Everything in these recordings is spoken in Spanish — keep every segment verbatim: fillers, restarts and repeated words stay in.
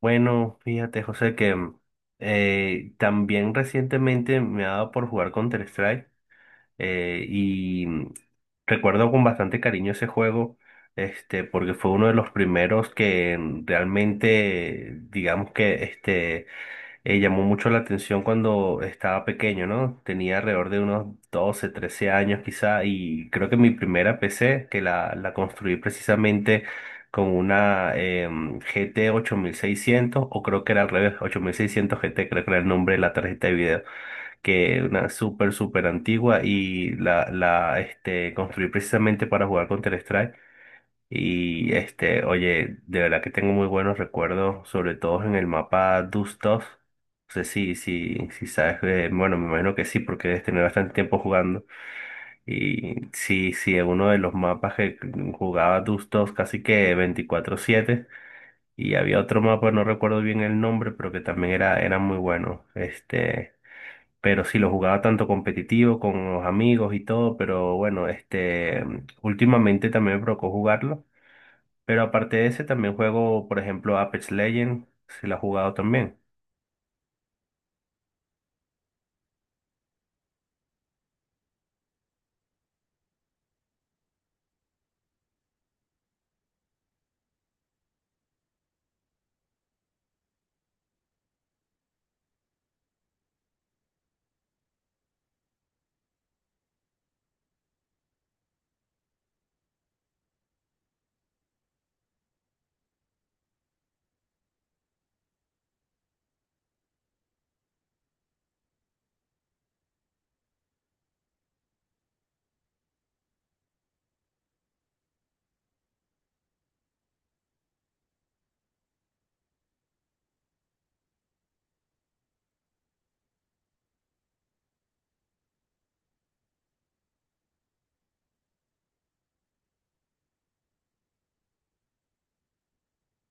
Bueno, fíjate, José, que mm, eh, también recientemente me ha dado por jugar Counter-Strike eh, y mm, recuerdo con bastante cariño ese juego, este, porque fue uno de los primeros que mm, realmente, digamos que este, eh, llamó mucho la atención cuando estaba pequeño, ¿no? Tenía alrededor de unos doce, trece años quizá y creo que mi primera P C, que la, la construí precisamente con una em, G T ocho mil seiscientos o creo que era al revés, ocho mil seiscientos G T, creo que era el nombre de la tarjeta de video, que es una súper, súper antigua y la, la este, construí precisamente para jugar con counter y este, oye, de verdad que tengo muy buenos recuerdos, sobre todo en el mapa Dustov. No sé si, si, si sabes, que- bueno, me imagino que sí, porque debes tener bastante tiempo jugando. Y sí, sí, es uno de los mapas que jugaba Dustov casi que veinticuatro siete. Y había otro mapa, no recuerdo bien el nombre, pero que también era, era muy bueno. Este, pero sí, lo jugaba tanto competitivo con los amigos y todo, pero bueno, este, últimamente también me provocó jugarlo. Pero aparte de ese, también juego, por ejemplo, Apex Legends, si lo has jugado también.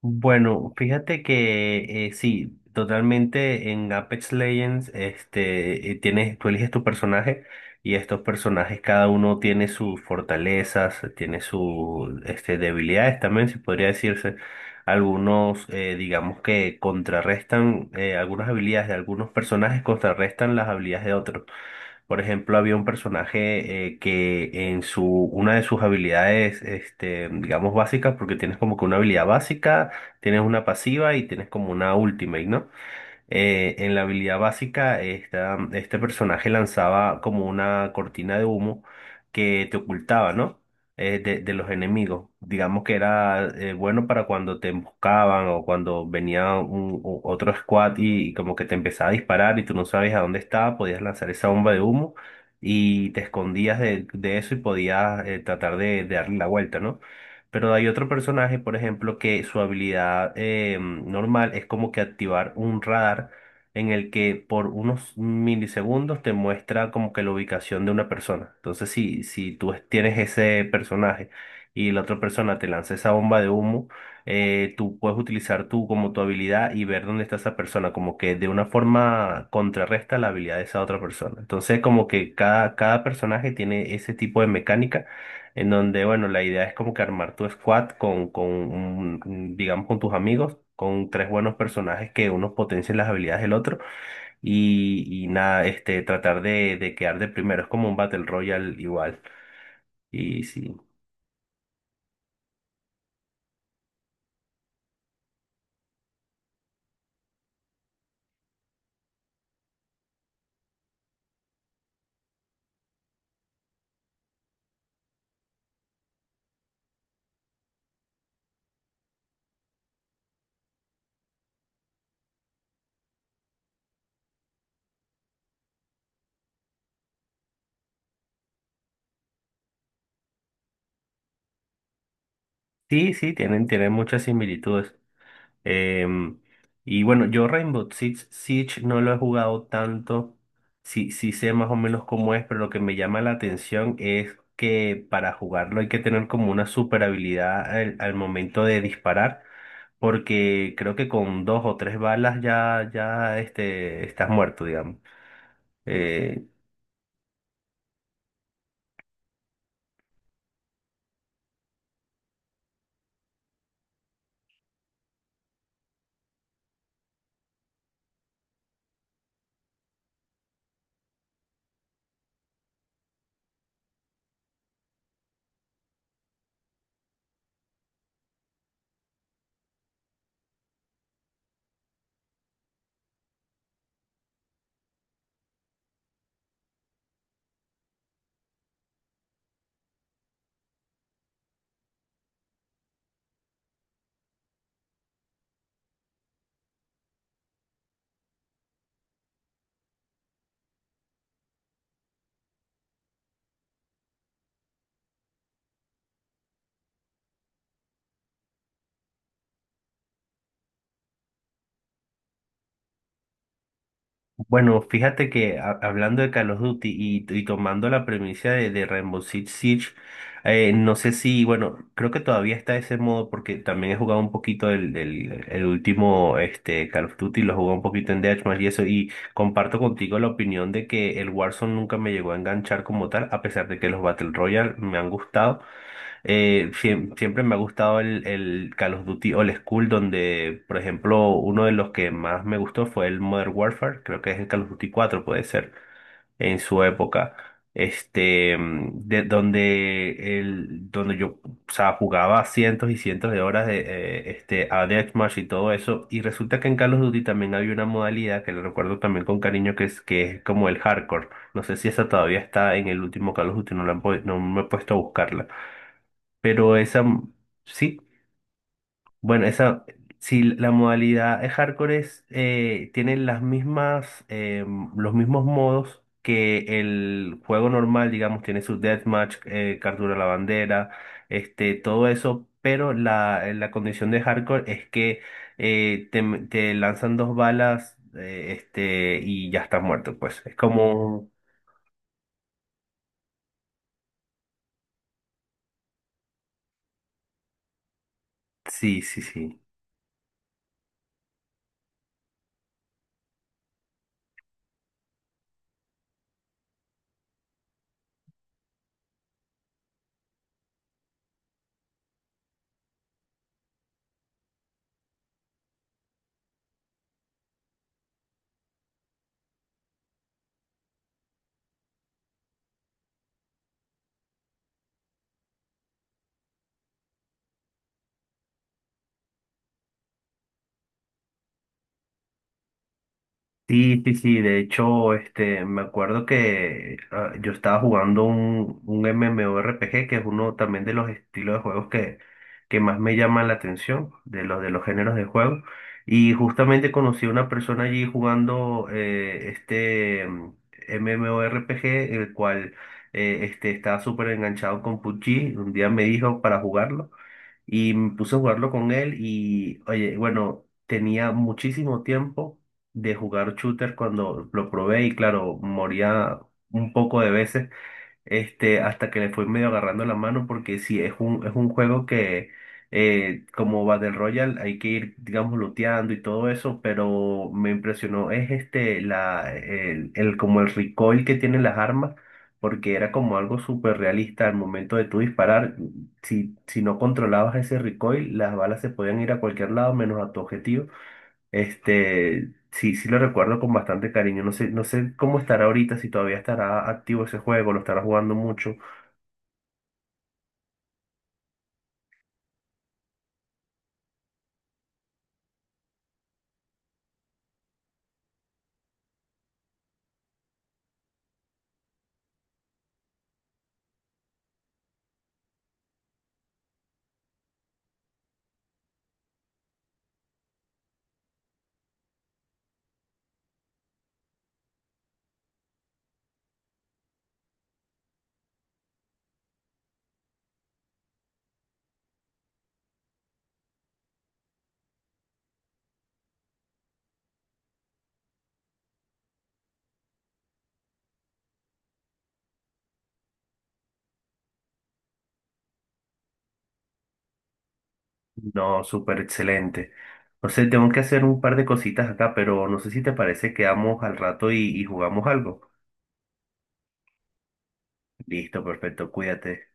Bueno, fíjate que eh, sí, totalmente en Apex Legends, este, eh, tienes, tú eliges tu personaje y estos personajes cada uno tiene sus fortalezas, tiene sus este, debilidades también, si podría decirse. Algunos, eh, digamos que contrarrestan eh, algunas habilidades de algunos personajes, contrarrestan las habilidades de otros. Por ejemplo, había un personaje eh, que en su, una de sus habilidades, este, digamos, básicas, porque tienes como que una habilidad básica, tienes una pasiva y tienes como una ultimate, ¿no? Eh, en la habilidad básica, esta- este personaje lanzaba como una cortina de humo que te ocultaba, ¿no? Eh, de, de los enemigos. Digamos que era eh, bueno para cuando te emboscaban o cuando venía un, o- otro squad y, y como que te empezaba a disparar y tú no sabes a dónde estaba, podías lanzar esa bomba de humo y te escondías de, de eso y podías eh, tratar de, de darle la vuelta, ¿no? Pero hay otro personaje, por ejemplo, que su habilidad eh, normal es como que activar un radar en el que por unos milisegundos te muestra como que la ubicación de una persona. Entonces, si, si tú es- tienes ese personaje y la otra persona te lanza esa bomba de humo, eh, tú puedes utilizar tú como tu habilidad y ver dónde está esa persona, como que de una forma contrarresta la habilidad de esa otra persona. Entonces, como que cada, cada personaje tiene ese tipo de mecánica en donde, bueno, la idea es como que armar tu squad con, con un- un- digamos, con tus amigos, con tres buenos personajes que unos potencien las habilidades del otro y, y nada, este, tratar de, de quedar de primero. Es como un Battle Royale igual. Y sí, sí, sí, tienen, tienen muchas similitudes. Em, y bueno, yo Rainbow Six Siege no lo he jugado tanto. Sí, sí sé más o menos cómo es, pero lo que me llama la atención es que para jugarlo hay que tener como una super habilidad al, al momento de disparar, porque creo que con dos o tres balas ya, ya este, estás muerto, digamos. Eh, Bueno, fíjate que ha- hablando de Call of Duty y, y tomando la premisa de, de Rainbow Six Siege, eh, no sé si, bueno, creo que todavía está ese modo porque también he jugado un poquito el, el, el último este, Call of Duty, lo jugué un poquito en Deathmatch y eso, y comparto contigo la opinión de que el Warzone nunca me llegó a enganchar como tal, a pesar de que los Battle Royale me han gustado. Eh, siem- siempre me ha gustado el, el Call of Duty Old School, donde, por ejemplo, uno de los que más me gustó fue el Modern Warfare, creo que es el Call of Duty cuatro puede ser, en su época. Este, mm, de, donde, el, donde yo, o sea, jugaba cientos y cientos de horas de eh, este, a Deathmatch y todo eso. Y resulta que en Call of Duty también había una modalidad que le recuerdo también con cariño, que es, que es como el hardcore. No sé si esa todavía está en el último Call of Duty, no, la han pod- no me he puesto a buscarla pero esa, m- sí, bueno, esa, si la modalidad es hardcore es, eh, tiene las mismas, eh, los mismos modos que el juego normal, digamos, tiene su deathmatch, eh, captura la bandera, este, todo eso, pero la, eh, la condición de hardcore es que eh, te, m- te lanzan dos balas, eh, este, y ya estás muerto, pues. Es como, sí, sí, sí. Sí, sí, sí, de hecho, este, me acuerdo que ah, yo estaba jugando un, un MMORPG, que es uno también de los estilos de juegos que, que más me llama la atención, de los de los géneros de juego. Y justamente conocí a una persona allí jugando eh, este mm, MMORPG, el cual eh, este, estaba súper enganchado con P U B G. Un día me dijo para jugarlo y me puse a jugarlo con él y, oye, bueno, tenía muchísimo tiempo de jugar shooter cuando lo probé y claro, moría un poco de veces, este, hasta que le fui medio agarrando la mano porque sí, es un, es un juego que eh, como Battle Royale hay que ir, digamos, looteando y todo eso, pero me impresionó es este, la, el, el- como el recoil que tienen las armas. Porque era como algo súper realista al momento de tú disparar. Si, si no controlabas ese recoil, las balas se podían ir a cualquier lado menos a tu objetivo. Este, sí, sí lo recuerdo con bastante cariño. No sé, no sé cómo estará ahorita, si todavía estará activo ese juego, lo estará jugando mucho. No, súper excelente. No sé, tengo que hacer un par de cositas acá, pero no sé si te parece que vamos al rato y, y jugamos algo. Listo, perfecto, cuídate.